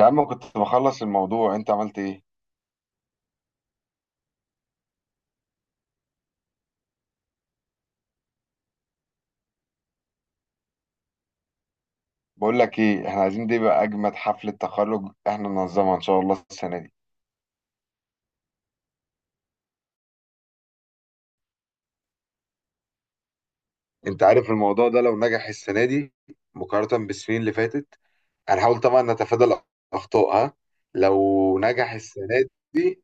يا عم، كنت بخلص الموضوع. انت عملت ايه؟ بقول لك ايه، احنا عايزين دي بقى اجمد حفلة تخرج احنا ننظمها ان شاء الله السنة دي. انت عارف الموضوع ده لو نجح السنة دي مقارنة بالسنين اللي فاتت، هنحاول طبعا نتفادى الاخطاء. ها، لو نجح السنة دي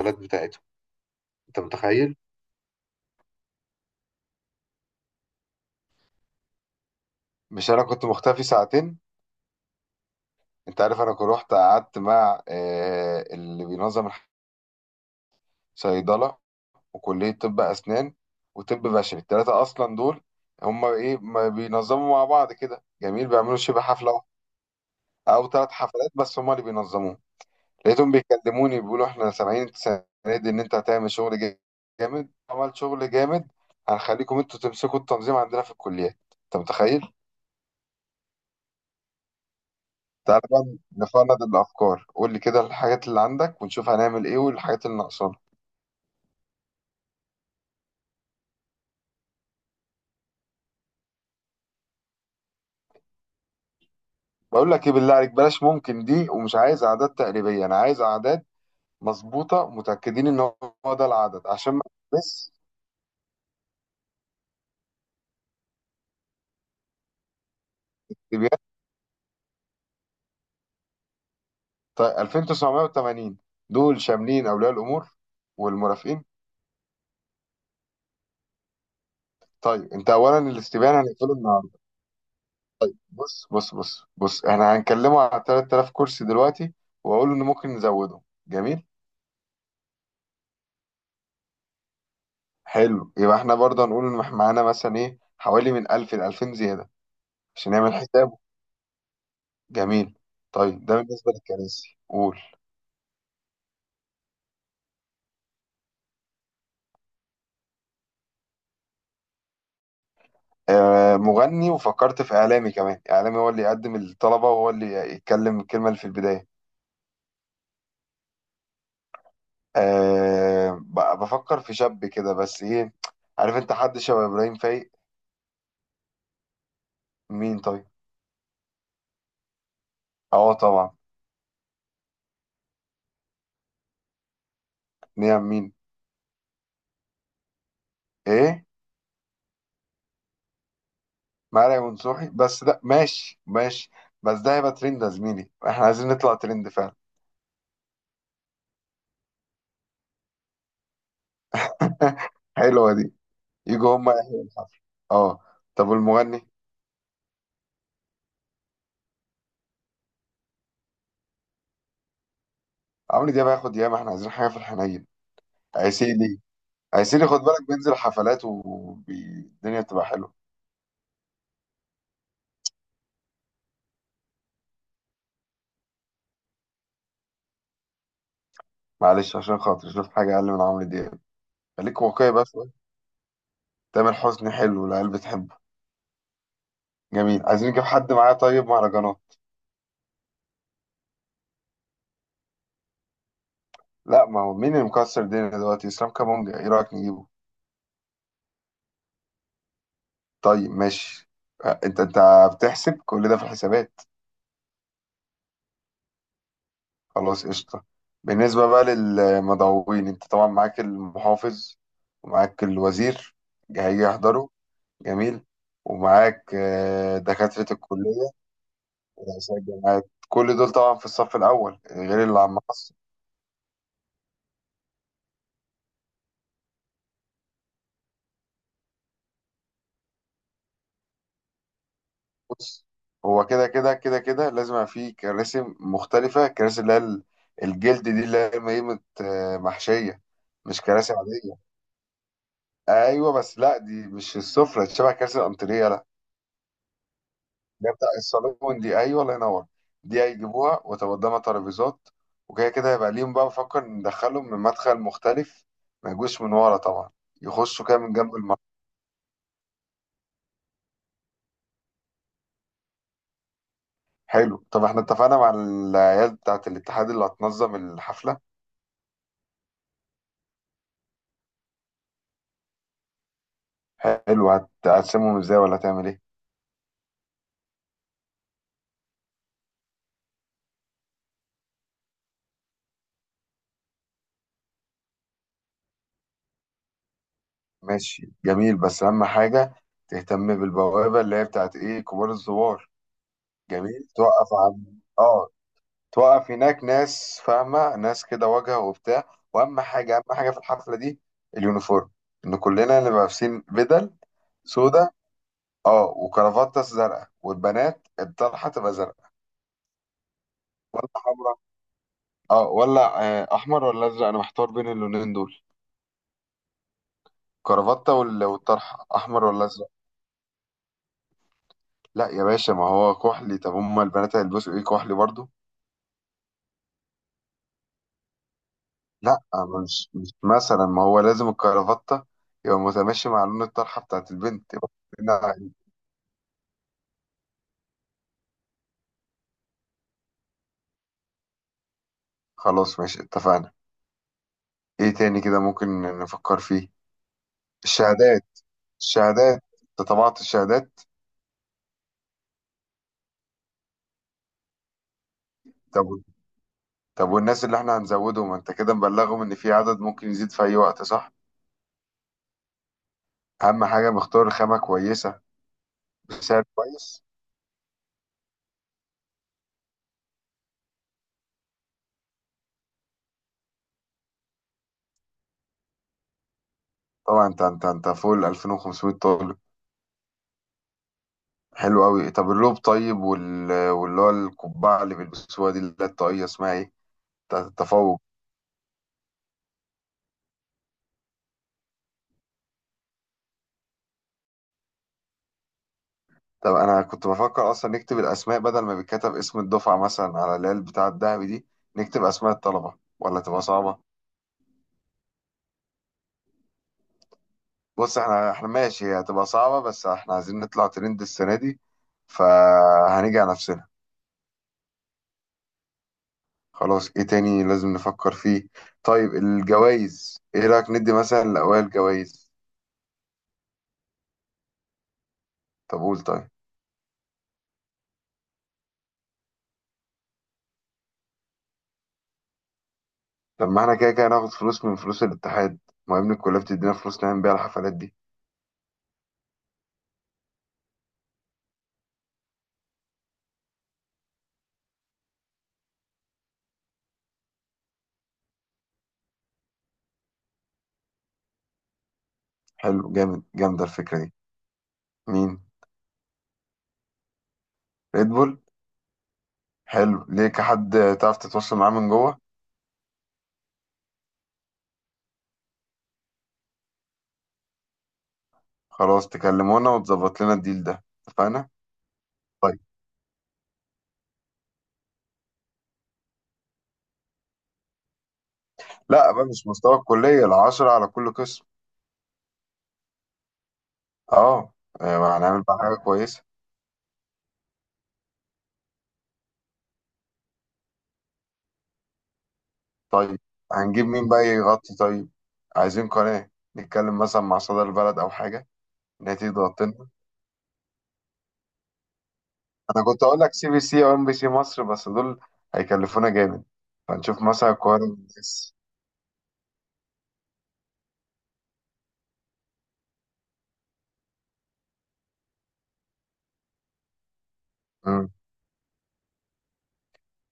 البلد بتاعتهم، انت متخيل؟ مش انا كنت مختفي ساعتين. انت عارف انا كنت رحت قعدت مع اللي بينظم الصيدلة وكلية طب أسنان وطب بشري. التلاتة أصلا دول هما إيه؟ ما بينظموا مع بعض كده، جميل. بيعملوا شبه حفلة واحدة أو تلات حفلات، بس هما اللي بينظموه. لقيتهم بيكلموني بيقولوا إحنا سامعين السنة دي إن أنت هتعمل شغل جامد. عمل شغل جامد، هنخليكم أنتوا تمسكوا التنظيم عندنا في الكليات. أنت متخيل؟ تعالى بقى نفند الأفكار. قول لي كده الحاجات اللي عندك ونشوف هنعمل إيه، والحاجات اللي ناقصانا. بقول لك إيه، بالله عليك بلاش ممكن دي. ومش عايز أعداد تقريبية، أنا عايز أعداد مظبوطة متأكدين إن هو ده العدد عشان ما. بس. تبيان. طيب 2980 دول شاملين أولياء الأمور والمرافقين؟ طيب أنت أولا الاستبيان هنقفله النهاردة. بص بص بص بص، إحنا هنكلمه على 3000 كرسي دلوقتي وأقول إن ممكن نزوده. جميل. حلو، يبقى إحنا برضه هنقول إن إحنا معانا مثلا إيه حوالي من 1000 ل 2000 زيادة عشان نعمل حسابه. جميل. طيب ده بالنسبة للكراسي، قول. مغني، وفكرت في إعلامي كمان، إعلامي هو اللي يقدم الطلبة وهو اللي يتكلم الكلمة اللي في البداية. أه، بفكر في شاب كده بس إيه، عارف، أنت حد شبه إبراهيم فايق. مين طيب؟ أه طبعا. نعم مين؟ إيه؟ مرعي منصوحي بس ده ماشي ماشي. بس ده هيبقى ترند يا زميلي، إحنا عايزين نطلع ترند فعلا. حلوة دي. يجوا هما يحيوا الحفل. أه. طب والمغني؟ عمرو دياب هياخد ياما، إحنا عايزين حاجة في الحنين. عسيلي. هيسيري، خد بالك بينزل حفلات والدنيا بتبقى حلوه. معلش عشان خاطر، شوف حاجه اقل من عمرو دياب. خليك واقعي بقى شويه. تامر حسني حلو والعيال بتحبه. جميل، عايزين نجيب حد معاه طيب مهرجانات. لا ما هو مين اللي مكسر الدنيا دلوقتي؟ اسلام كابونجا، ايه رايك نجيبه؟ طيب ماشي. انت بتحسب كل ده في الحسابات. خلاص قشطه. بالنسبه بقى للمدعوين، انت طبعا معاك المحافظ ومعاك الوزير، هيجي يحضروا. جميل. ومعاك دكاتره الكليه. رئاسي الجامعات، كل دول طبعا في الصف الاول غير اللي عم مصر. بص، هو كده كده لازم يبقى فيه كراسي مختلفه. كراسي اللي هي الجلد دي اللي هي قيمه، محشيه، مش كراسي عاديه. ايوه بس لا، دي مش السفره، دي شبه كراسي الانتريه، لا. ده بتاع الصالون دي، ايوه، الله ينور. دي هيجيبوها وتبقى قدامها ترابيزات. وكده كده هيبقى ليهم بقى. بفكر ندخلهم من مدخل مختلف، ما يجوش من ورا طبعا، يخشوا كده من جنب. حلو. طب احنا اتفقنا مع العيال بتاعة الاتحاد اللي هتنظم الحفلة. حلو، هتقسمهم ازاي ولا هتعمل ايه؟ ماشي، جميل. بس اهم حاجة تهتم بالبوابة اللي هي بتاعة ايه، كبار الزوار. جميل، توقف عن، اه، توقف. هناك ناس فاهمة، ناس كده واجهة وبتاع. واهم حاجة، اهم حاجة في الحفلة دي اليونيفورم، ان كلنا نبقى لابسين بدل سودا. اه، وكرافتة زرقاء، والبنات الطرحة تبقى زرقاء، ولا حمراء؟ اه، ولا احمر ولا ازرق، انا محتار بين اللونين دول. كرافته والطرحه، احمر ولا ازرق؟ لا يا باشا، ما هو كحلي. طب هما البنات هيلبسوا ايه، كحلي برضو؟ لا مش مثلا، ما هو لازم الكرافته يبقى متماشي مع لون الطرحه بتاعت البنت. يبقى كلنا. خلاص ماشي، اتفقنا. ايه تاني كده ممكن نفكر فيه؟ الشهادات. الشهادات، انت طبعت الشهادات؟ طب، طب والناس اللي احنا هنزودهم، انت كده مبلغهم ان في عدد ممكن يزيد في اي وقت صح؟ اهم حاجه مختار خامه كويسه بسعر كويس. طبعا. انت فوق ال 2500 طالب. حلو قوي. طب الروب، طيب، واللي هو القبعه اللي بيلبسوها دي اللي هي الطاقيه، اسمها ايه، بتاعت التفوق. طب انا كنت بفكر اصلا نكتب الاسماء بدل ما بيتكتب اسم الدفعه مثلا على اللي هي البتاع الذهبي دي. نكتب اسماء الطلبه، ولا تبقى صعبه؟ بص، احنا ماشي، هي هتبقى صعبه بس احنا عايزين نطلع ترند السنه دي، فهنيجي على نفسنا. خلاص، ايه تاني لازم نفكر فيه؟ طيب الجوائز، ايه رايك ندي مثلا لاوائل جوائز؟ طب قول طيب. طب ما احنا كده كده هناخد فلوس من فلوس الاتحاد. ما يا ابني الكلية بتدينا فلوس نعمل بيها الحفلات دي. حلو، جامد، جامدة الفكرة دي. مين؟ ريد بول. حلو، ليك حد تعرف تتواصل معاه من جوه؟ خلاص، تكلمونا وتظبط لنا الديل ده. اتفقنا. طيب. لا بقى، مش مستوى الكلية، العشرة على كل قسم. اه. هنعمل بقى حاجة كويسة. طيب هنجيب مين بقى يغطي؟ طيب، عايزين قناة، نتكلم مثلا مع صدى البلد أو حاجة إن هي تيجي تغطي. انا كنت اقول لك سي بي سي او ام بي سي مصر، بس دول هيكلفونا جامد، فنشوف مثلا القاهره والناس. مم.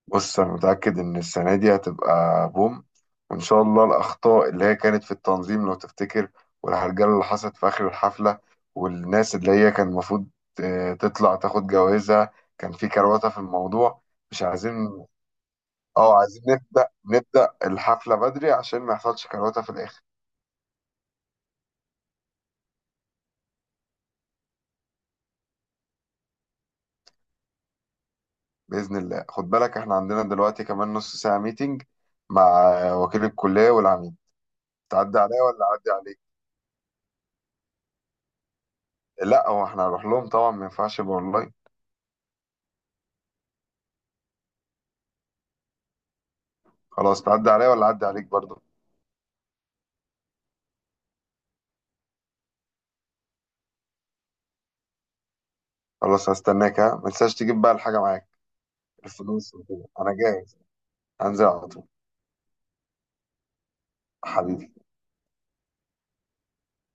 بص، انا متاكد ان السنه دي هتبقى بوم. وان شاء الله الاخطاء اللي هي كانت في التنظيم لو تفتكر، والهرجله اللي حصلت في اخر الحفله، والناس اللي هي كان المفروض تطلع تاخد جوازها، كان في كروته في الموضوع، مش عايزين. اه، عايزين نبدا الحفله بدري عشان ما يحصلش كروته في الاخر. بإذن الله. خد بالك احنا عندنا دلوقتي كمان نص ساعة ميتنج مع وكيل الكلية والعميد. تعدي عليا ولا أعدي عليك؟ لا هو احنا هنروح لهم طبعا، ما ينفعش يبقى اونلاين. خلاص، تعدي عليا ولا أعدي عليك برضه؟ خلاص، هستناك. ها، ما تنساش تجيب بقى الحاجة معاك، الفلوس وكده. أنا جاهز، هنزل على طول. حبيبي.